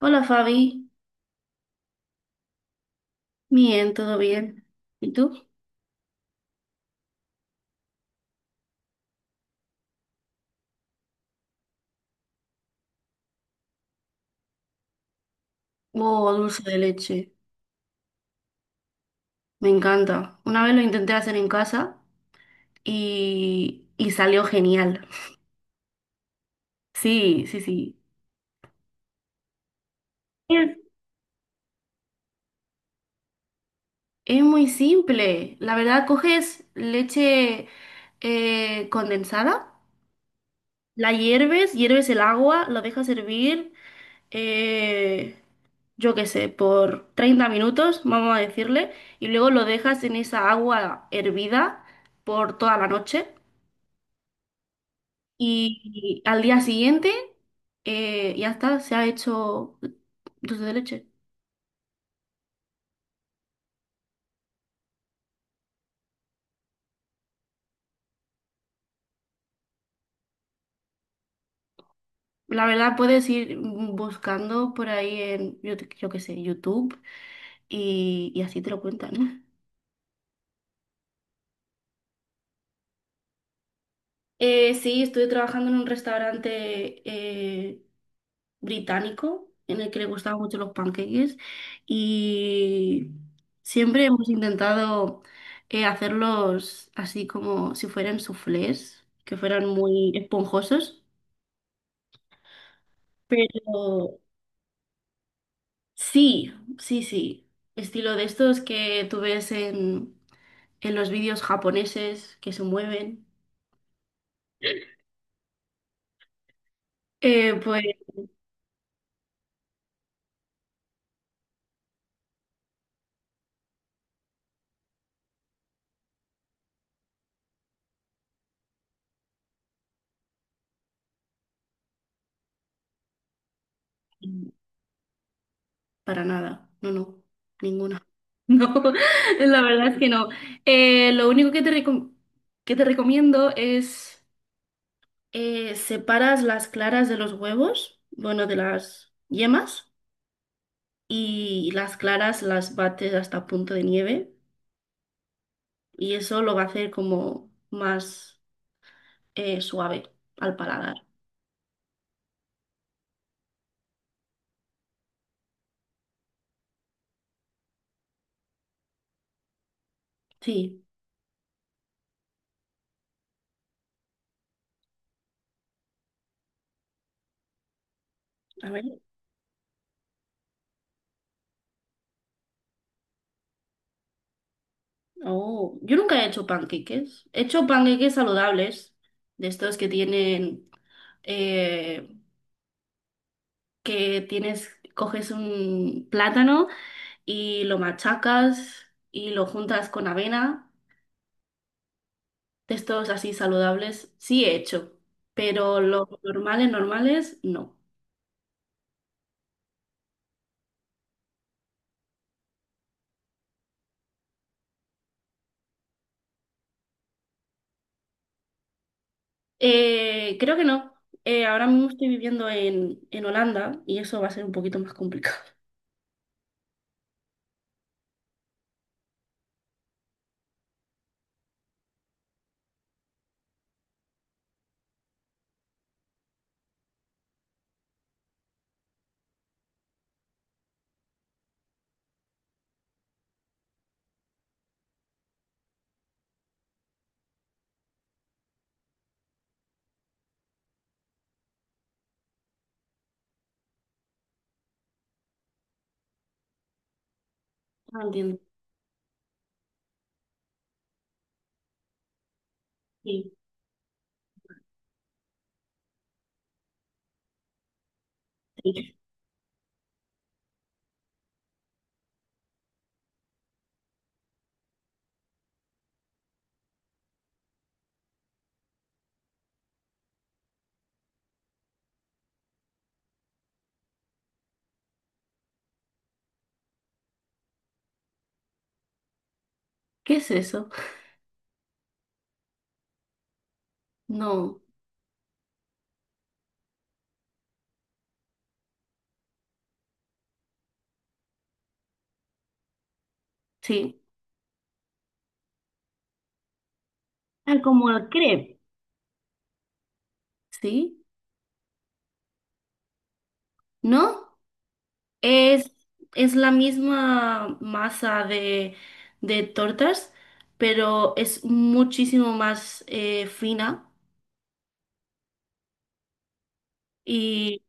Hola Fabi, bien, todo bien. ¿Y tú? Oh, dulce de leche, me encanta. Una vez lo intenté hacer en casa y salió genial. Sí, sí, sí. Es, es muy simple. La verdad, coges leche condensada, la hierves, hierves el agua, lo dejas hervir, eh, yo qué sé, por 30 minutos, vamos a decirle, y luego lo dejas en esa agua hervida por toda la noche. Y, y al día siguiente ya está, se ha hecho dulce de leche. La verdad puedes ir buscando por ahí yo qué sé, YouTube y así te lo cuentan. Sí, estuve trabajando en un restaurante británico en el que le gustaban mucho los pancakes y siempre hemos intentado hacerlos así como si fueran soufflés, que fueran muy esponjosos. Pero sí, sí, sí. Estilo de estos que tú ves en los vídeos japoneses que se mueven. Pues para nada, no, no, ninguna. No, la verdad es que no. Lo único que te recomiendo es separas las claras de los huevos, bueno, de las yemas, y las claras las bates hasta punto de nieve, y eso lo va a hacer como más... suave al paladar. Sí, a ver. Oh, yo nunca he hecho panqueques. He hecho panqueques saludables, de estos que tienen, eh, que tienes, coges un plátano y lo machacas y lo juntas con avena, de estos así saludables. Sí he hecho, pero los normales, normales, no. Creo que no. Ahora mismo estoy viviendo en Holanda y eso va a ser un poquito más complicado. No entiendo. Sí. ¿Qué es eso? No, sí, Ah, como el crepe. Sí, ¿no? Es, es la misma masa de tortas, pero es muchísimo más fina y,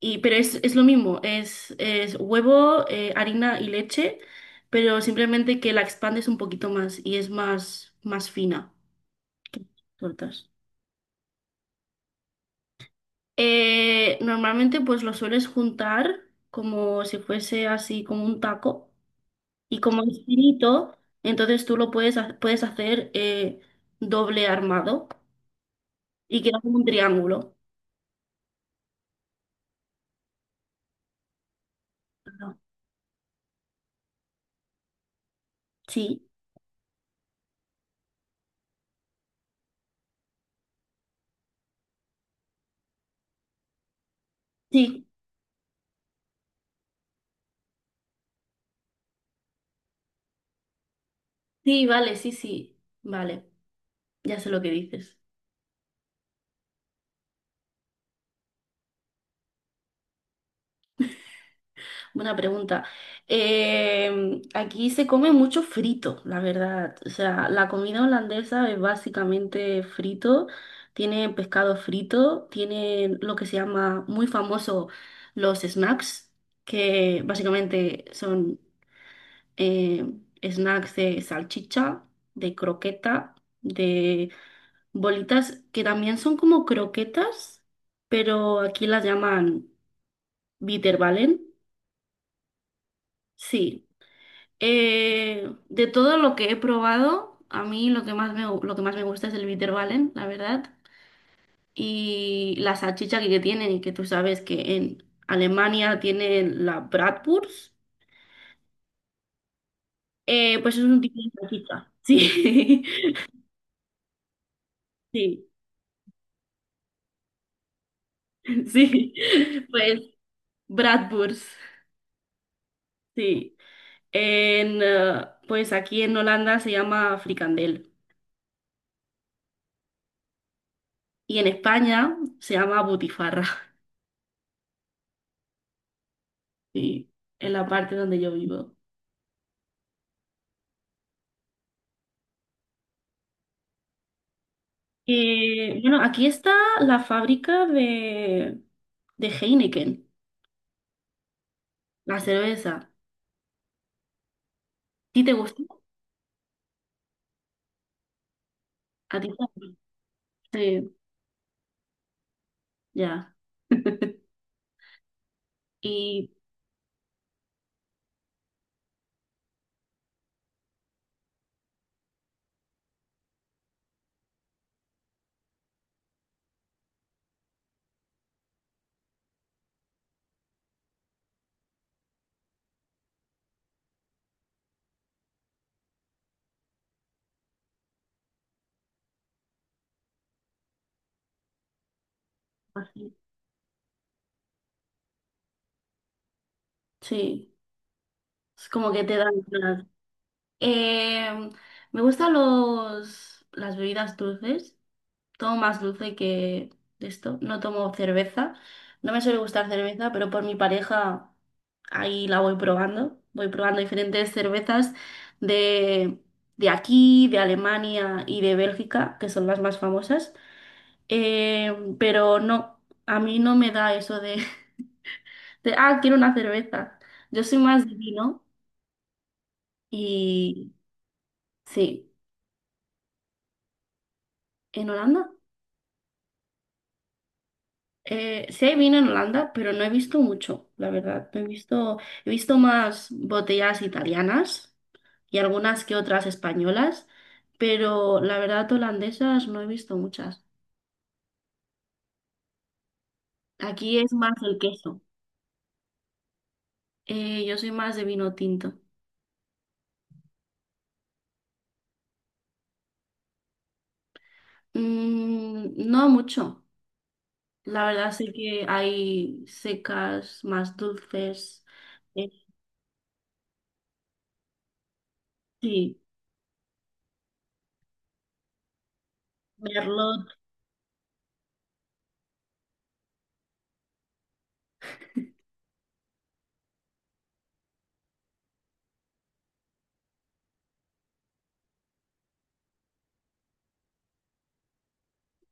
y pero es lo mismo, es huevo, harina y leche, pero simplemente que la expandes un poquito más y es más, más fina que las tortas. Normalmente pues lo sueles juntar como si fuese así como un taco y como es finito, entonces tú puedes hacer doble armado y queda como un triángulo. No. Sí, sí, sí, vale, sí, sí, vale, ya sé lo que dices. Buena pregunta. Aquí se come mucho frito, la verdad. O sea, la comida holandesa es básicamente frito. Tiene pescado frito, tiene lo que se llama muy famoso los snacks, que básicamente son eh, snacks de salchicha, de croqueta, de bolitas que también son como croquetas, pero aquí las llaman bitterballen. Sí, de todo lo que he probado, a mí lo que más lo que más me gusta es el Ballen, la verdad, y la salchicha que tienen y que tú sabes que en Alemania tienen la Bratwurst, pues es un tipo de salchicha. Sí, sí, sí, pues Bratwurst, sí. Pues aquí en Holanda se llama fricandel y en España se llama butifarra, sí, en la parte donde yo vivo. Bueno, aquí está la fábrica de Heineken, la cerveza. ¿A ti te gusta? A ti también. Sí, ya. Y así, sí, es como que te dan ganas. Eh, Me gustan las bebidas dulces. Tomo más dulce que de esto, no tomo cerveza, no me suele gustar cerveza, pero por mi pareja ahí la voy probando diferentes cervezas de, de aquí, de Alemania y de Bélgica, que son las más famosas. Pero no, a mí no me da eso de, de, ah, quiero una cerveza, yo soy más de vino y sí, en Holanda. Sí hay vino en Holanda, pero no he visto mucho, la verdad. No he visto, he visto más botellas italianas y algunas que otras españolas, pero la verdad holandesas no he visto muchas. Aquí es más el queso. Yo soy más de vino tinto. Mm, no mucho. La verdad sé que hay secas, más dulces. eh, sí, merlot.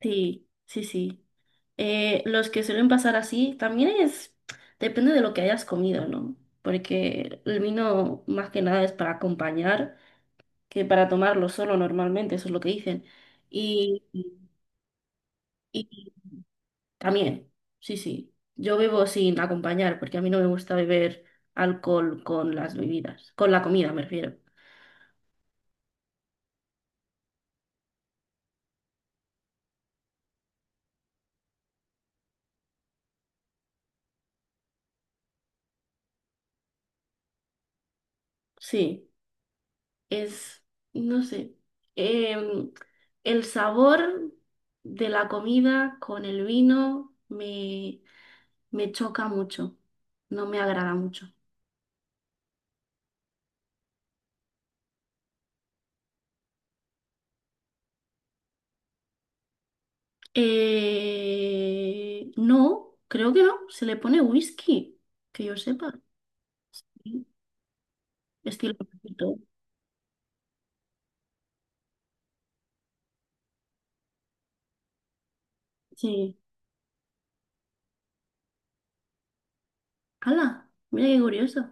Sí, sí, sí. Los que suelen pasar así también es, depende de lo que hayas comido, ¿no? Porque el vino más que nada es para acompañar que para tomarlo solo normalmente, eso es lo que dicen. Y, y también, sí, sí. Yo bebo sin acompañar porque a mí no me gusta beber alcohol con las bebidas, con la comida me refiero. Sí. es, no sé, em, el sabor de la comida con el vino me, me choca mucho, no me agrada mucho. No, creo que no, se le pone whisky, que yo sepa, sí, estilo. Poquito. Sí, ¡hala! Mira qué curioso.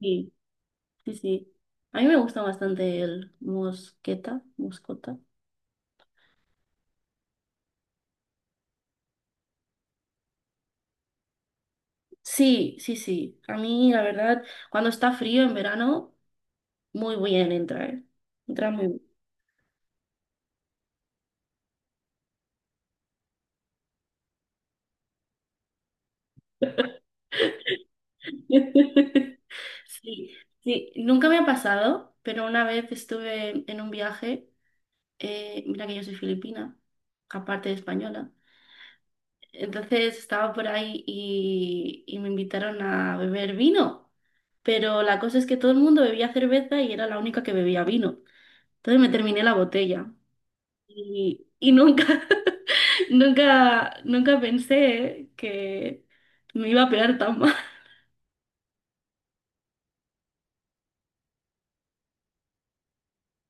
Sí, sí, sí. A mí me gusta bastante el mosqueta, moscota. Sí, sí, sí. A mí, la verdad, cuando está frío en verano, muy bien entra, ¿eh? Entra muy bien. Sí, sí. Nunca me ha pasado, pero una vez estuve en un viaje, mira que yo soy filipina, aparte de española. Entonces estaba por ahí y me invitaron a beber vino, pero la cosa es que todo el mundo bebía cerveza y era la única que bebía vino. Entonces me terminé la botella y nunca, nunca, nunca pensé que me iba a pegar tan mal.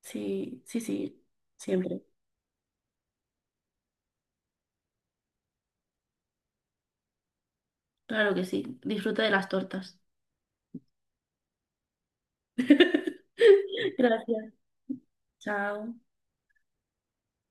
Sí, sí, sí, siempre. Claro que sí. Disfruta de las tortas. Gracias. Chao.